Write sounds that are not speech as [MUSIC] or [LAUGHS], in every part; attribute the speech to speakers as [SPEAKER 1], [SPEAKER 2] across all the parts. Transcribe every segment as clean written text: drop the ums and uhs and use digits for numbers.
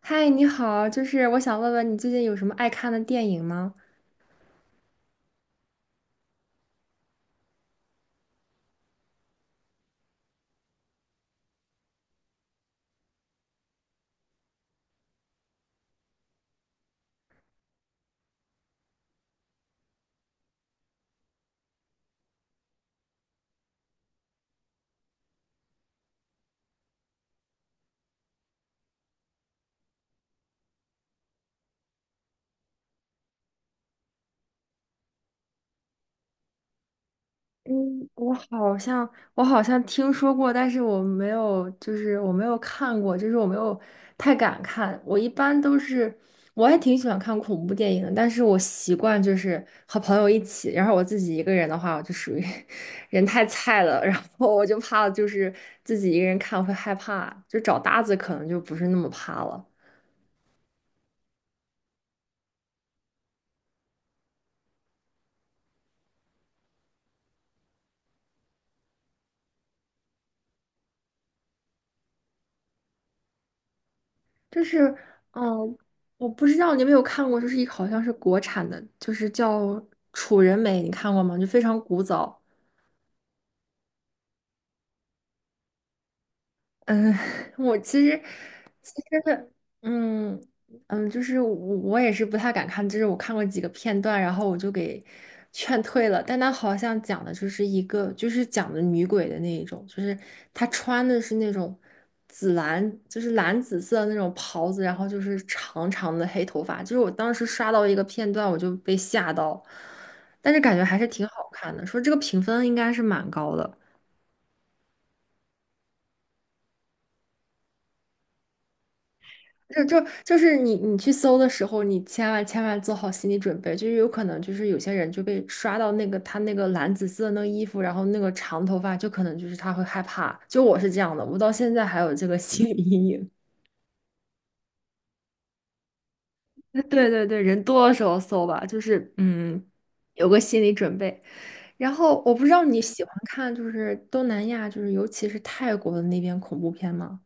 [SPEAKER 1] 嗨，你好，就是我想问问你最近有什么爱看的电影吗？嗯，我好像我好像听说过，但是我没有，就是我没有看过，就是我没有太敢看。我一般都是，我还挺喜欢看恐怖电影的，但是我习惯就是和朋友一起，然后我自己一个人的话，我就属于 [LAUGHS] 人太菜了，然后我就怕就是自己一个人看会害怕，就找搭子可能就不是那么怕了。就是，嗯，我不知道你有没有看过，就是一个好像是国产的，就是叫《楚人美》，你看过吗？就非常古早。嗯，[LAUGHS] 我其实，嗯嗯，就是我也是不太敢看，就是我看过几个片段，然后我就给劝退了。但他好像讲的就是一个，就是讲的女鬼的那一种，就是她穿的是那种紫蓝，就是蓝紫色的那种袍子，然后就是长长的黑头发。就是我当时刷到一个片段，我就被吓到，但是感觉还是挺好看的，说这个评分应该是蛮高的。就就就是你去搜的时候，你千万千万做好心理准备，就是有可能就是有些人就被刷到那个他那个蓝紫色的那个衣服，然后那个长头发，就可能就是他会害怕。就我是这样的，我到现在还有这个心理阴影。[LAUGHS] 对对对，人多的时候搜吧，就是有个心理准备。然后我不知道你喜欢看就是东南亚，就是尤其是泰国的那边恐怖片吗？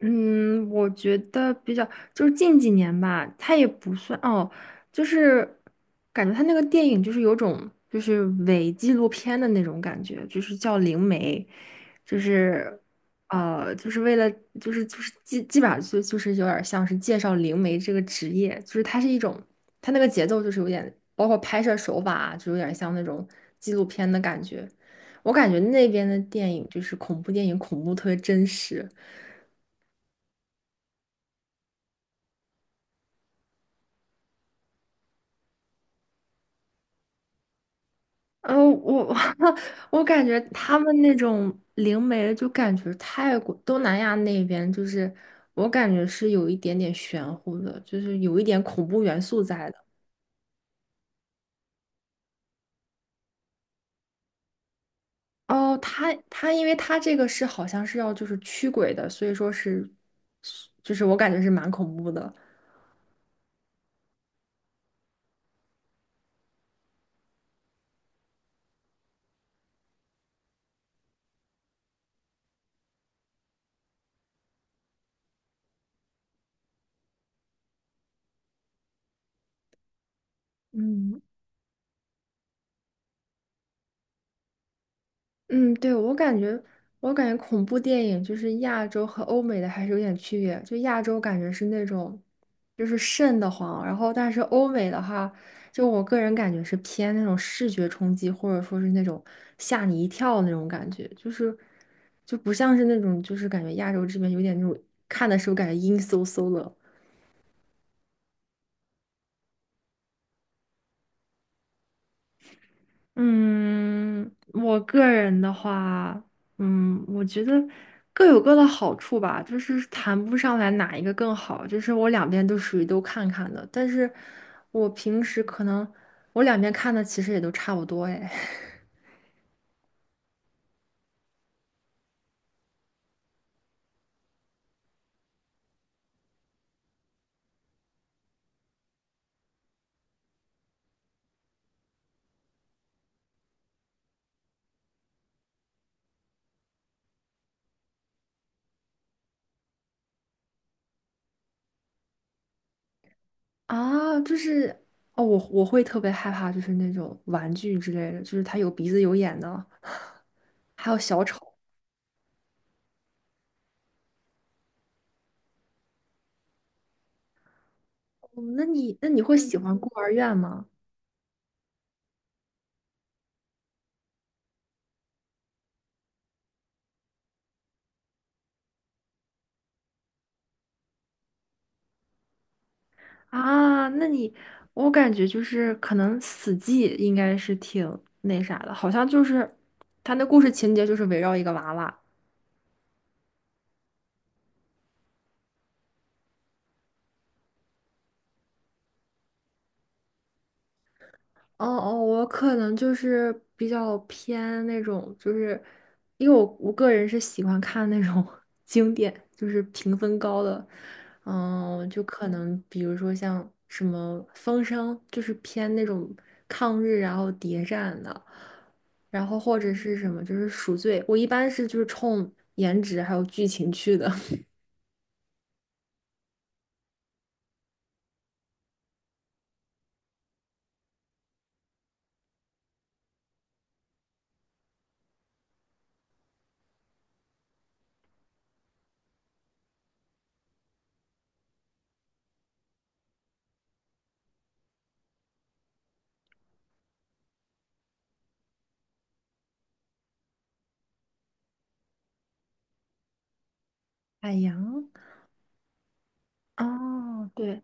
[SPEAKER 1] 嗯，我觉得比较就是近几年吧，它也不算哦，就是感觉它那个电影就是有种就是伪纪录片的那种感觉，就是叫《灵媒》，就是就是为了就是基本上就是有点像是介绍灵媒这个职业，就是它是一种它那个节奏就是有点包括拍摄手法啊，就有点像那种纪录片的感觉。我感觉那边的电影就是恐怖电影，恐怖特别真实。嗯，我 [LAUGHS] 我感觉他们那种灵媒，就感觉泰国、东南亚那边，就是我感觉是有一点点玄乎的，就是有一点恐怖元素在的。哦，他，因为他这个是好像是要就是驱鬼的，所以说是，就是我感觉是蛮恐怖的。嗯，嗯，对，我感觉恐怖电影就是亚洲和欧美的还是有点区别。就亚洲感觉是那种，就是瘆得慌，然后但是欧美的话，就我个人感觉是偏那种视觉冲击，或者说是那种吓你一跳那种感觉，就是就不像是那种，就是感觉亚洲这边有点那种看的时候感觉阴飕飕的。嗯，我个人的话，嗯，我觉得各有各的好处吧，就是谈不上来哪一个更好，就是我两边都属于都看看的，但是我平时可能我两边看的其实也都差不多哎。[LAUGHS] 啊，就是哦，我会特别害怕，就是那种玩具之类的，就是它有鼻子有眼的，还有小丑。哦那你会喜欢孤儿院吗？啊，那你，我感觉就是可能死寂应该是挺那啥的，好像就是他那故事情节就是围绕一个娃娃，哦哦，我可能就是比较偏那种，就是因为我个人是喜欢看那种 [LAUGHS] 经典，就是评分高的，嗯，就可能比如说像什么《风声》，就是偏那种抗日然后谍战的，然后或者是什么就是赎罪，我一般是就是冲颜值还有剧情去的。[LAUGHS] 海洋，哦，对，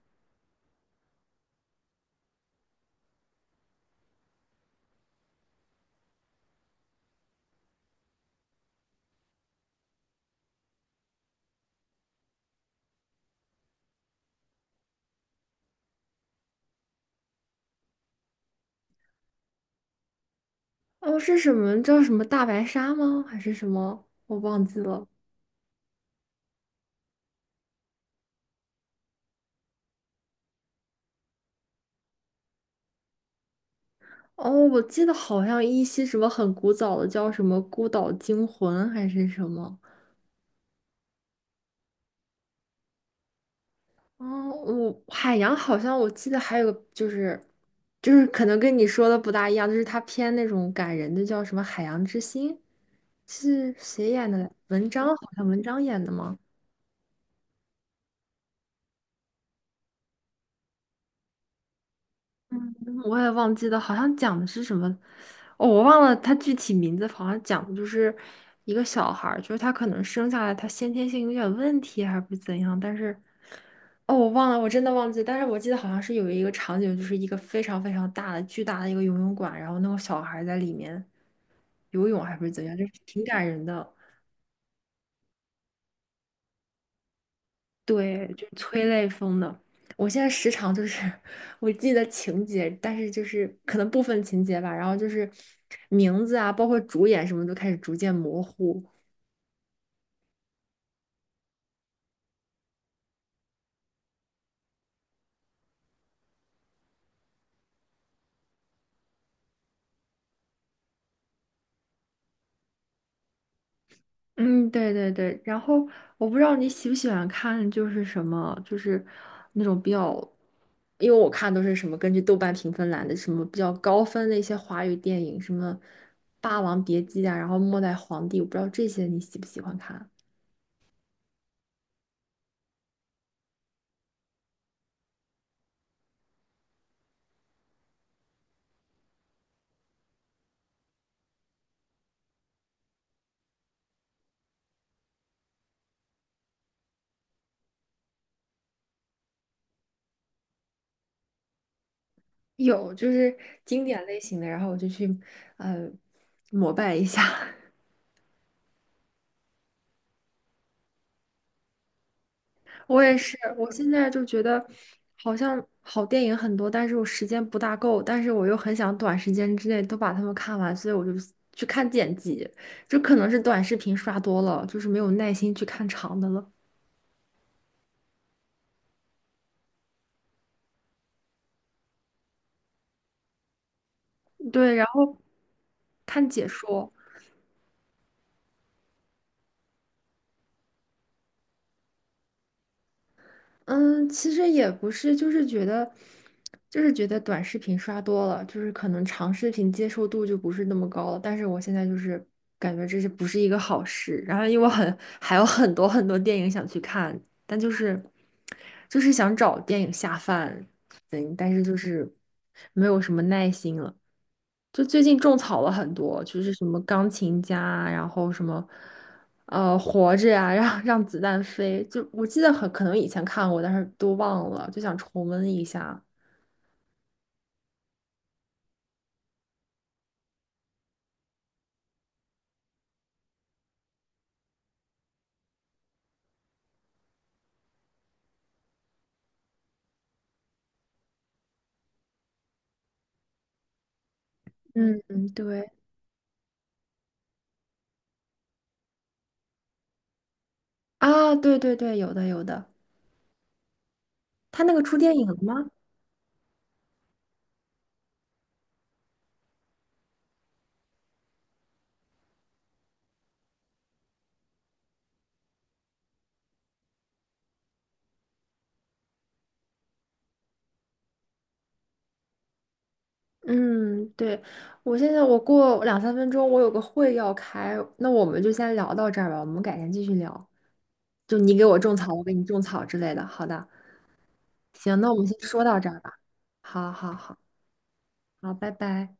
[SPEAKER 1] 哦，是什么叫什么大白鲨吗？还是什么？我忘记了。哦，我记得好像一些什么很古早的叫什么《孤岛惊魂》还是什么。哦，我海洋好像我记得还有个就是，就是可能跟你说的不大一样，就是它偏那种感人的，叫什么《海洋之心》，是谁演的来？文章好像文章演的吗？嗯，我也忘记了，好像讲的是什么，哦，我忘了它具体名字，好像讲的就是一个小孩儿，就是他可能生下来他先天性有点问题还是不怎样，但是。哦，我忘了，我真的忘记了，但是我记得好像是有一个场景，就是一个非常非常大的、巨大的一个游泳馆，然后那个小孩儿在里面游泳还不是怎样，就是挺感人的，对，就是催泪风的。我现在时常就是 [LAUGHS] 我记得情节，但是就是可能部分情节吧，然后就是名字啊，包括主演什么都开始逐渐模糊。嗯，对对对，然后我不知道你喜不喜欢看，就是什么，就是那种比较，因为我看都是什么根据豆瓣评分来的，什么比较高分的一些华语电影，什么《霸王别姬》啊，然后《末代皇帝》，我不知道这些你喜不喜欢看？有，就是经典类型的，然后我就去呃膜拜一下。[LAUGHS] 我也是，我现在就觉得好像好电影很多，但是我时间不大够，但是我又很想短时间之内都把它们看完，所以我就去看剪辑，就可能是短视频刷多了，就是没有耐心去看长的了。对，然后看解说。嗯，其实也不是，就是觉得，就是觉得短视频刷多了，就是可能长视频接受度就不是那么高了。但是我现在就是感觉这是不是一个好事。然后因为我很还有很多很多电影想去看，但就是想找电影下饭，对，但是就是没有什么耐心了。就最近种草了很多，就是什么钢琴家啊然后什么，活着呀、让子弹飞，就我记得很可能以前看过，但是都忘了，就想重温一下。嗯，嗯对，啊，对对对，有的有的，他那个出电影了吗？嗯，对，我现在我过两三分钟，我有个会要开，那我们就先聊到这儿吧，我们改天继续聊。就你给我种草，我给你种草之类的。好的，行，那我们先说到这儿吧。好好好。好，拜拜。